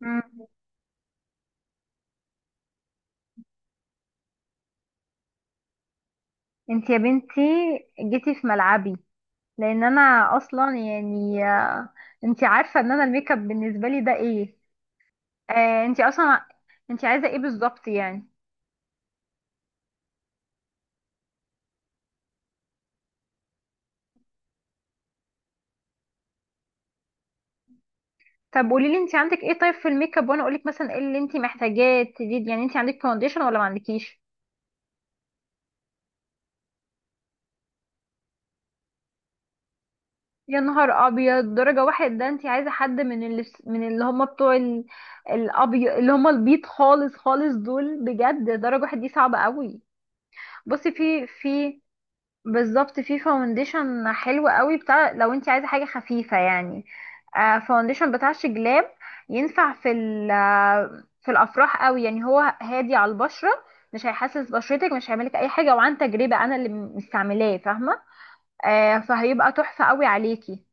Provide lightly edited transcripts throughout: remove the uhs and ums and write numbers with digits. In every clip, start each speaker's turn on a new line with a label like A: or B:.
A: مم. انت يا بنتي، جيتي في ملعبي، لان انا اصلا يعني انت عارفه ان انا الميك اب بالنسبه لي ده ايه؟ آه انت اصلا انت عايزه ايه بالظبط يعني؟ طب قولي لي، انت عندك ايه طيب في الميك اب، وانا اقول لك مثلا ايه اللي انت محتاجاه تزيد. يعني انت عندك فاونديشن ولا ما عندكيش؟ يا نهار ابيض، درجه واحد؟ ده انت عايزه حد من اللي هم بتوع ال- الابيض، اللي هم البيض خالص خالص. دول بجد درجه واحد دي صعبه قوي. بصي، في بالظبط في فاونديشن حلو قوي بتاع، لو انت عايزه حاجه خفيفه يعني. فاونديشن بتاع شجلاب ينفع في ال- آه، في الافراح قوي. يعني هو هادي على البشره، مش هيحسس بشرتك، مش هيعملك اي حاجه، وعن تجربه انا اللي مستعملاه، فاهمه؟ فهيبقى تحفه قوي عليكي.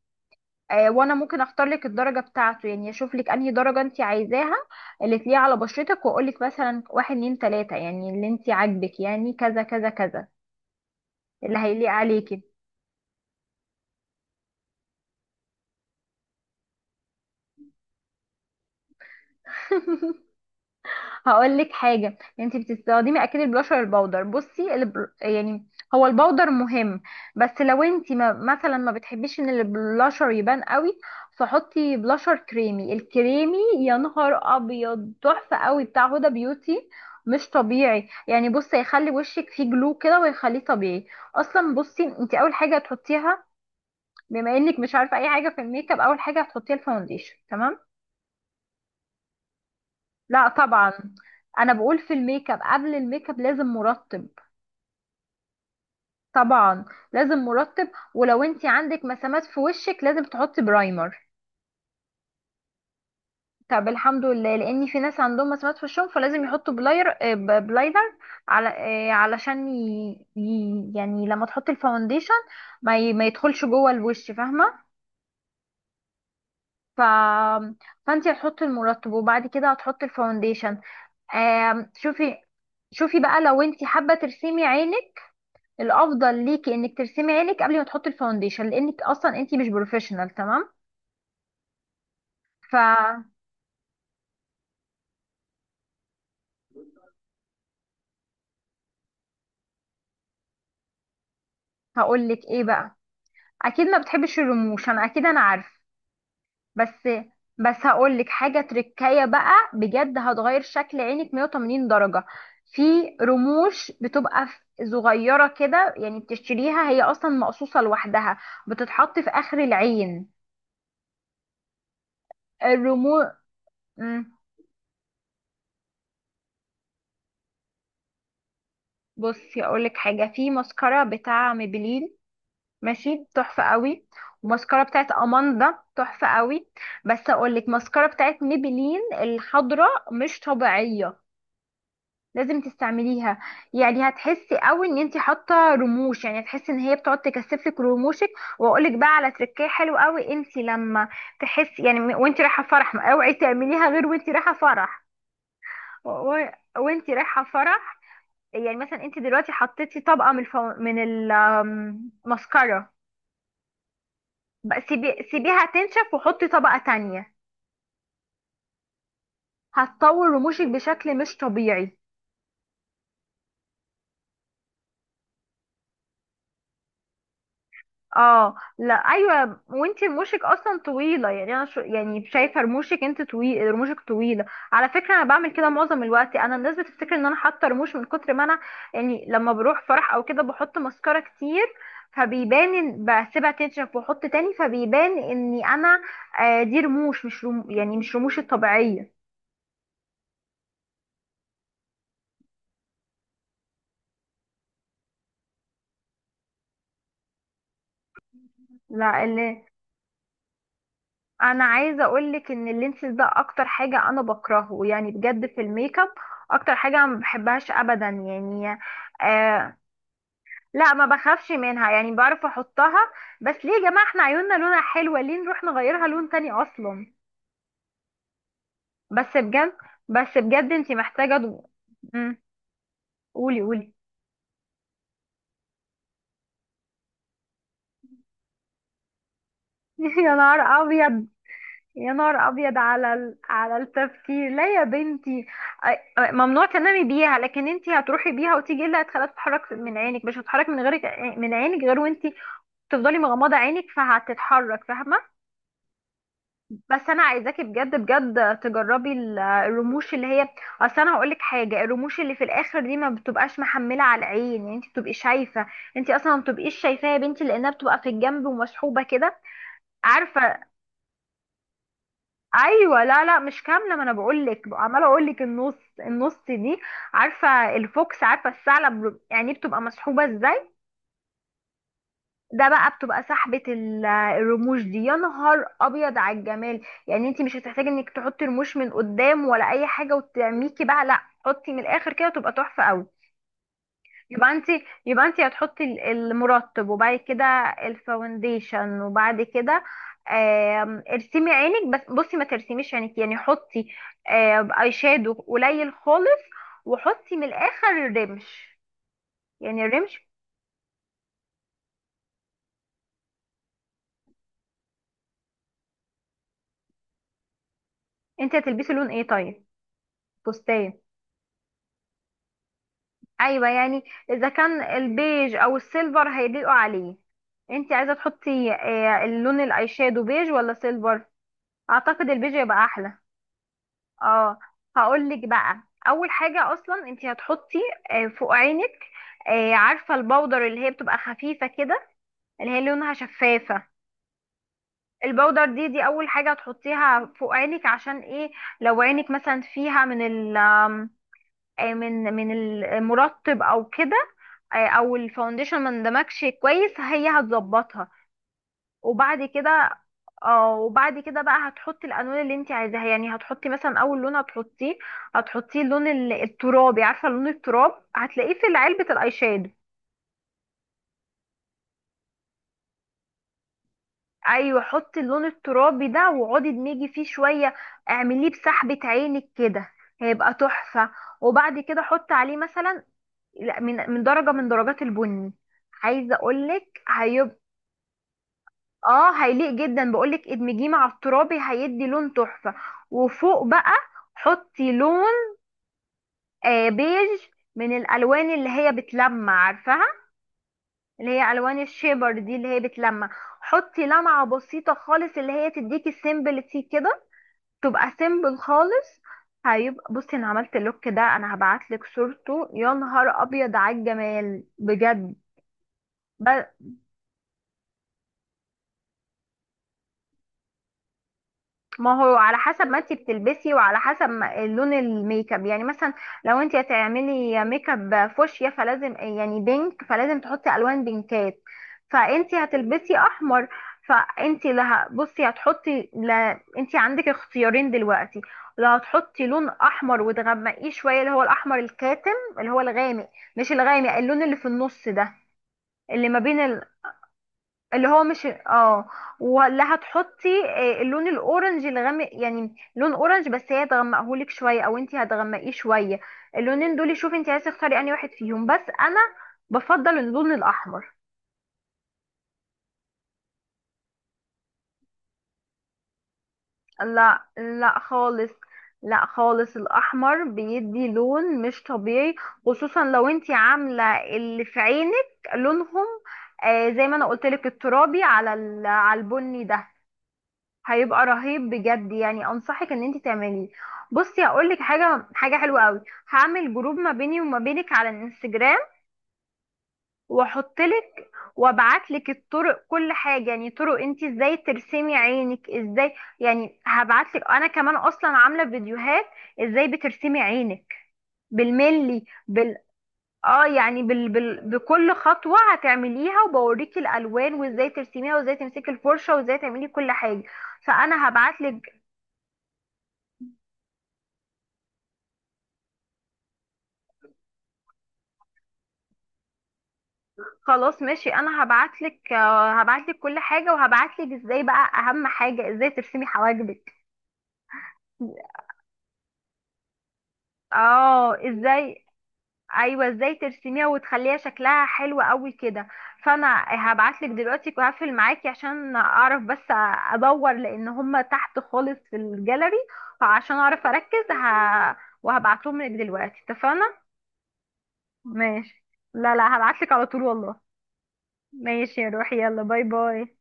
A: وانا ممكن اختار لك الدرجه بتاعته، يعني اشوف لك انهي درجه انت عايزاها اللي تليق على بشرتك، واقول لك مثلا واحد اتنين تلاته، يعني اللي انت عاجبك، يعني كذا كذا كذا، اللي هيليق عليكي. هقول لك حاجه. انت بتستخدمي اكيد البلاشر البودر. بصي، الب... يعني هو البودر مهم، بس لو انت ما... مثلا ما بتحبيش ان البلاشر يبان قوي، فحطي بلاشر كريمي. الكريمي، يا نهار ابيض، تحفه قوي، بتاع هدى بيوتي، مش طبيعي يعني. بصي، هيخلي وشك فيه جلو كده ويخليه طبيعي. اصلا بصي، انت اول حاجه هتحطيها، بما انك مش عارفه اي حاجه في الميك اب، اول حاجه هتحطيها الفاونديشن، تمام؟ لا طبعا، انا بقول في الميك اب، قبل الميك اب لازم مرطب. طبعا، لازم مرطب. ولو انت عندك مسامات في وشك لازم تحطي برايمر. طب الحمد لله. لان في ناس عندهم مسامات في وشهم، فلازم يحطوا بلاير، بلايدر، على علشان يعني لما تحطي الفاونديشن، ما يدخلش جوه الوش، فاهمه؟ ف... فانت هتحطي المرطب وبعد كده هتحطي الفاونديشن. شوفي، شوفي بقى، لو انت حابه ترسمي عينك، الافضل ليكي انك ترسمي عينك قبل ما تحطي الفاونديشن، لانك اصلا انتي مش بروفيشنال، تمام؟ فهقول لك ايه بقى. اكيد ما بتحبش الرموش، انا اكيد، انا عارف. بس، هقول لك حاجه تركية بقى، بجد هتغير شكل عينك 180 درجه. في رموش بتبقى ف- صغيره كده يعني، بتشتريها هي اصلا مقصوصه لوحدها، بتتحط في اخر العين، الرموش. بصي، اقول لك حاجه، في ماسكارا بتاع ميبلين ماشي، تحفة قوي. وماسكارا بتاعت أماندا تحفة قوي. بس أقولك، ماسكارا بتاعت ميبلين الحضراء مش طبيعية، لازم تستعمليها. يعني هتحسي قوي ان انتي حاطه رموش، يعني هتحسي ان هي بتقعد تكثفلك رموشك. واقولك بقى على تركيه حلو قوي، انتي لما تحسي يعني، وانتي رايحه فرح، ما اوعي تعمليها غير وانتي رايحه فرح، و... و- وانتي رايحه فرح. يعني مثلا انتي دلوقتي حطيتي طبقه من من الماسكارا، بقى سيبيها تنشف وحطي طبقة تانية، هتطول رموشك بشكل مش طبيعي. اه لا، ايوه، وانتي رموشك اصلا طويله، يعني انا شو، يعني شايفه رموشك، انت طويل، رموشك طويله. على فكره، انا بعمل كده معظم الوقت. انا الناس بتفتكر ان انا حاطه رموش من كتر ما انا، يعني لما بروح فرح او كده، بحط ماسكارا كتير فبيبان. بسيبها تنشف واحط تاني فبيبان اني انا، دي رموش، مش رم... يعني مش رموش الطبيعيه. لا، انا عايزه اقولك ان اللينسز ده اكتر حاجه انا بكرهه يعني بجد في الميك اب. اكتر حاجه أنا ما بحبهاش ابدا يعني. آه، لا ما بخافش منها، يعني بعرف احطها. بس ليه يا جماعه، احنا عيوننا لونها حلوه، ليه نروح نغيرها لون تاني اصلا؟ بس بجد، بس بجد انتي محتاجه مم. قولي قولي. يا نهار ابيض، يا نهار ابيض على على التفكير. لا يا بنتي، ممنوع تنامي بيها. لكن انت هتروحي بيها وتيجي، إيه اللي هتخليها تتحرك من عينك؟ مش هتتحرك من غيرك، من عينك، غير وانت تفضلي مغمضه عينك فهتتحرك، فاهمه؟ بس انا عايزاكي بجد بجد تجربي ال- الرموش اللي هي، اصل انا هقول لك حاجه، الرموش اللي في الاخر دي ما بتبقاش محمله على العين، يعني انت بتبقي شايفه، انت اصلا ما بتبقيش شايفاها يا بنتي، لانها بتبقى في الجنب ومسحوبه كده، عارفه؟ ايوه، لا لا، مش كامله، ما انا بقول لك، عماله اقول لك النص، النص دي. عارفه الفوكس؟ عارفه الثعلب؟ يعني بتبقى مسحوبه ازاي، ده بقى بتبقى سحبه ال- الرموش دي. يا نهار ابيض على الجمال. يعني انت مش هتحتاجي انك تحطي رموش من قدام ولا اي حاجه وتعميكي بقى، لا، حطي من الاخر كده تبقى تحفه قوي. يبقى انت يبقى انت هتحطي ال- المرطب، وبعد كده الفاونديشن، وبعد كده ارسمي عينك. بس بصي، ما ترسميش عينك، يعني حطي اي شادو قليل خالص، وحطي من الاخر الرمش، يعني الرمش. انت هتلبسي لون ايه طيب؟ فستان؟ ايوه يعني، اذا كان البيج او السيلفر هيليقوا عليه، انت عايزه تحطي اللون الاي شادو بيج ولا سيلفر؟ اعتقد البيج يبقى احلى. اه، هقول لك بقى. اول حاجه اصلا انت هتحطي فوق عينك، عارفه البودر اللي هي بتبقى خفيفه كده، اللي هي لونها شفافه؟ البودر دي اول حاجه هتحطيها فوق عينك، عشان ايه؟ لو عينك مثلا فيها من ال من المرطب او كده، او الفاونديشن ما اندمجش كويس، هي هتظبطها. وبعد كده، اه، وبعد كده بقى هتحطي الالوان اللي انت عايزاها. يعني هتحطي مثلا اول لون هتحطيه، اللون ال- الترابي، عارفه لون التراب؟ هتلاقيه في علبه الاي شادو. ايوه، حطي اللون الترابي ده، واقعدي ادمجي فيه شويه، اعمليه بسحبه عينك كده، هيبقى تحفه. وبعد كده حطي عليه مثلا، لا، من درجه من درجات البني. عايزه اقولك هيبقى، اه، هيليق جدا. بقولك ادمجيه مع الترابي، هيدي لون تحفة. وفوق بقى حطي لون بيج، من الالوان اللي هي بتلمع، عارفاها اللي هي الوان الشيبر دي اللي هي بتلمع. حطي لمعة بسيطة خالص، اللي هي تديكي سيمبلتي كده، تبقى سيمبل خالص. هيبقى، بصي انا عملت اللوك ده، انا هبعتلك صورته، يا نهار ابيض على الجمال بجد. ما هو على حسب ما انت بتلبسي، وعلى حسب لون الميك اب، يعني مثلا لو انت هتعملي ميك اب فوشيا فلازم، يعني بينك، فلازم تحطي الوان بينكات. فانت هتلبسي احمر، فانت لا، بصي، هتحطي، لا، انت عندك اختيارين دلوقتي. لا، هتحطي لون احمر وتغمقيه شويه، اللي هو الاحمر الكاتم، اللي هو الغامق. مش الغامق، اللون اللي في النص ده، اللي ما بين، اللي هو مش، ولا هتحطي اللون الاورنج الغامق، يعني لون اورنج بس هي تغمقهولك شويه، او انت هتغمقيه شويه. اللونين دول، شوفي انت عايزه تختاري انهي واحد فيهم، بس انا بفضل اللون الاحمر. لا لا خالص، لا خالص، الاحمر بيدي لون مش طبيعي، خصوصا لو انت عامله اللي في عينك لونهم، زي ما انا قلت لك، الترابي على ال- على البني ده، هيبقى رهيب بجد، يعني انصحك ان انت تعمليه. بصي، هقولك حاجه حلوه قوي. هعمل جروب ما بيني وما بينك على الانستجرام، واحط لك وابعت لك الطرق، كل حاجه، يعني طرق، انت ازاي ترسمي عينك ازاي. يعني هبعت لك، انا كمان اصلا عامله فيديوهات ازاي بترسمي عينك بالملي، اه، يعني بكل خطوه هتعمليها، وبوريكي الالوان، وازاي ترسميها، وازاي تمسكي الفرشه، وازاي تعملي كل حاجه. فانا هبعت لك. خلاص ماشي، انا هبعتلك كل حاجة، وهبعتلك ازاي بقى، اهم حاجة ازاي ترسمي حواجبك. اه ازاي، ايوه، ازاي ترسميها وتخليها شكلها حلو قوي كده. فانا هبعتلك دلوقتي وهقفل معاكي، عشان اعرف بس ادور، لان هما تحت خالص في الجاليري، فعشان اعرف اركز وهبعتهم لك دلوقتي، اتفقنا؟ ماشي، لا لا، هبعتلك على طول والله. ماشي يا روحي، يلا باي باي.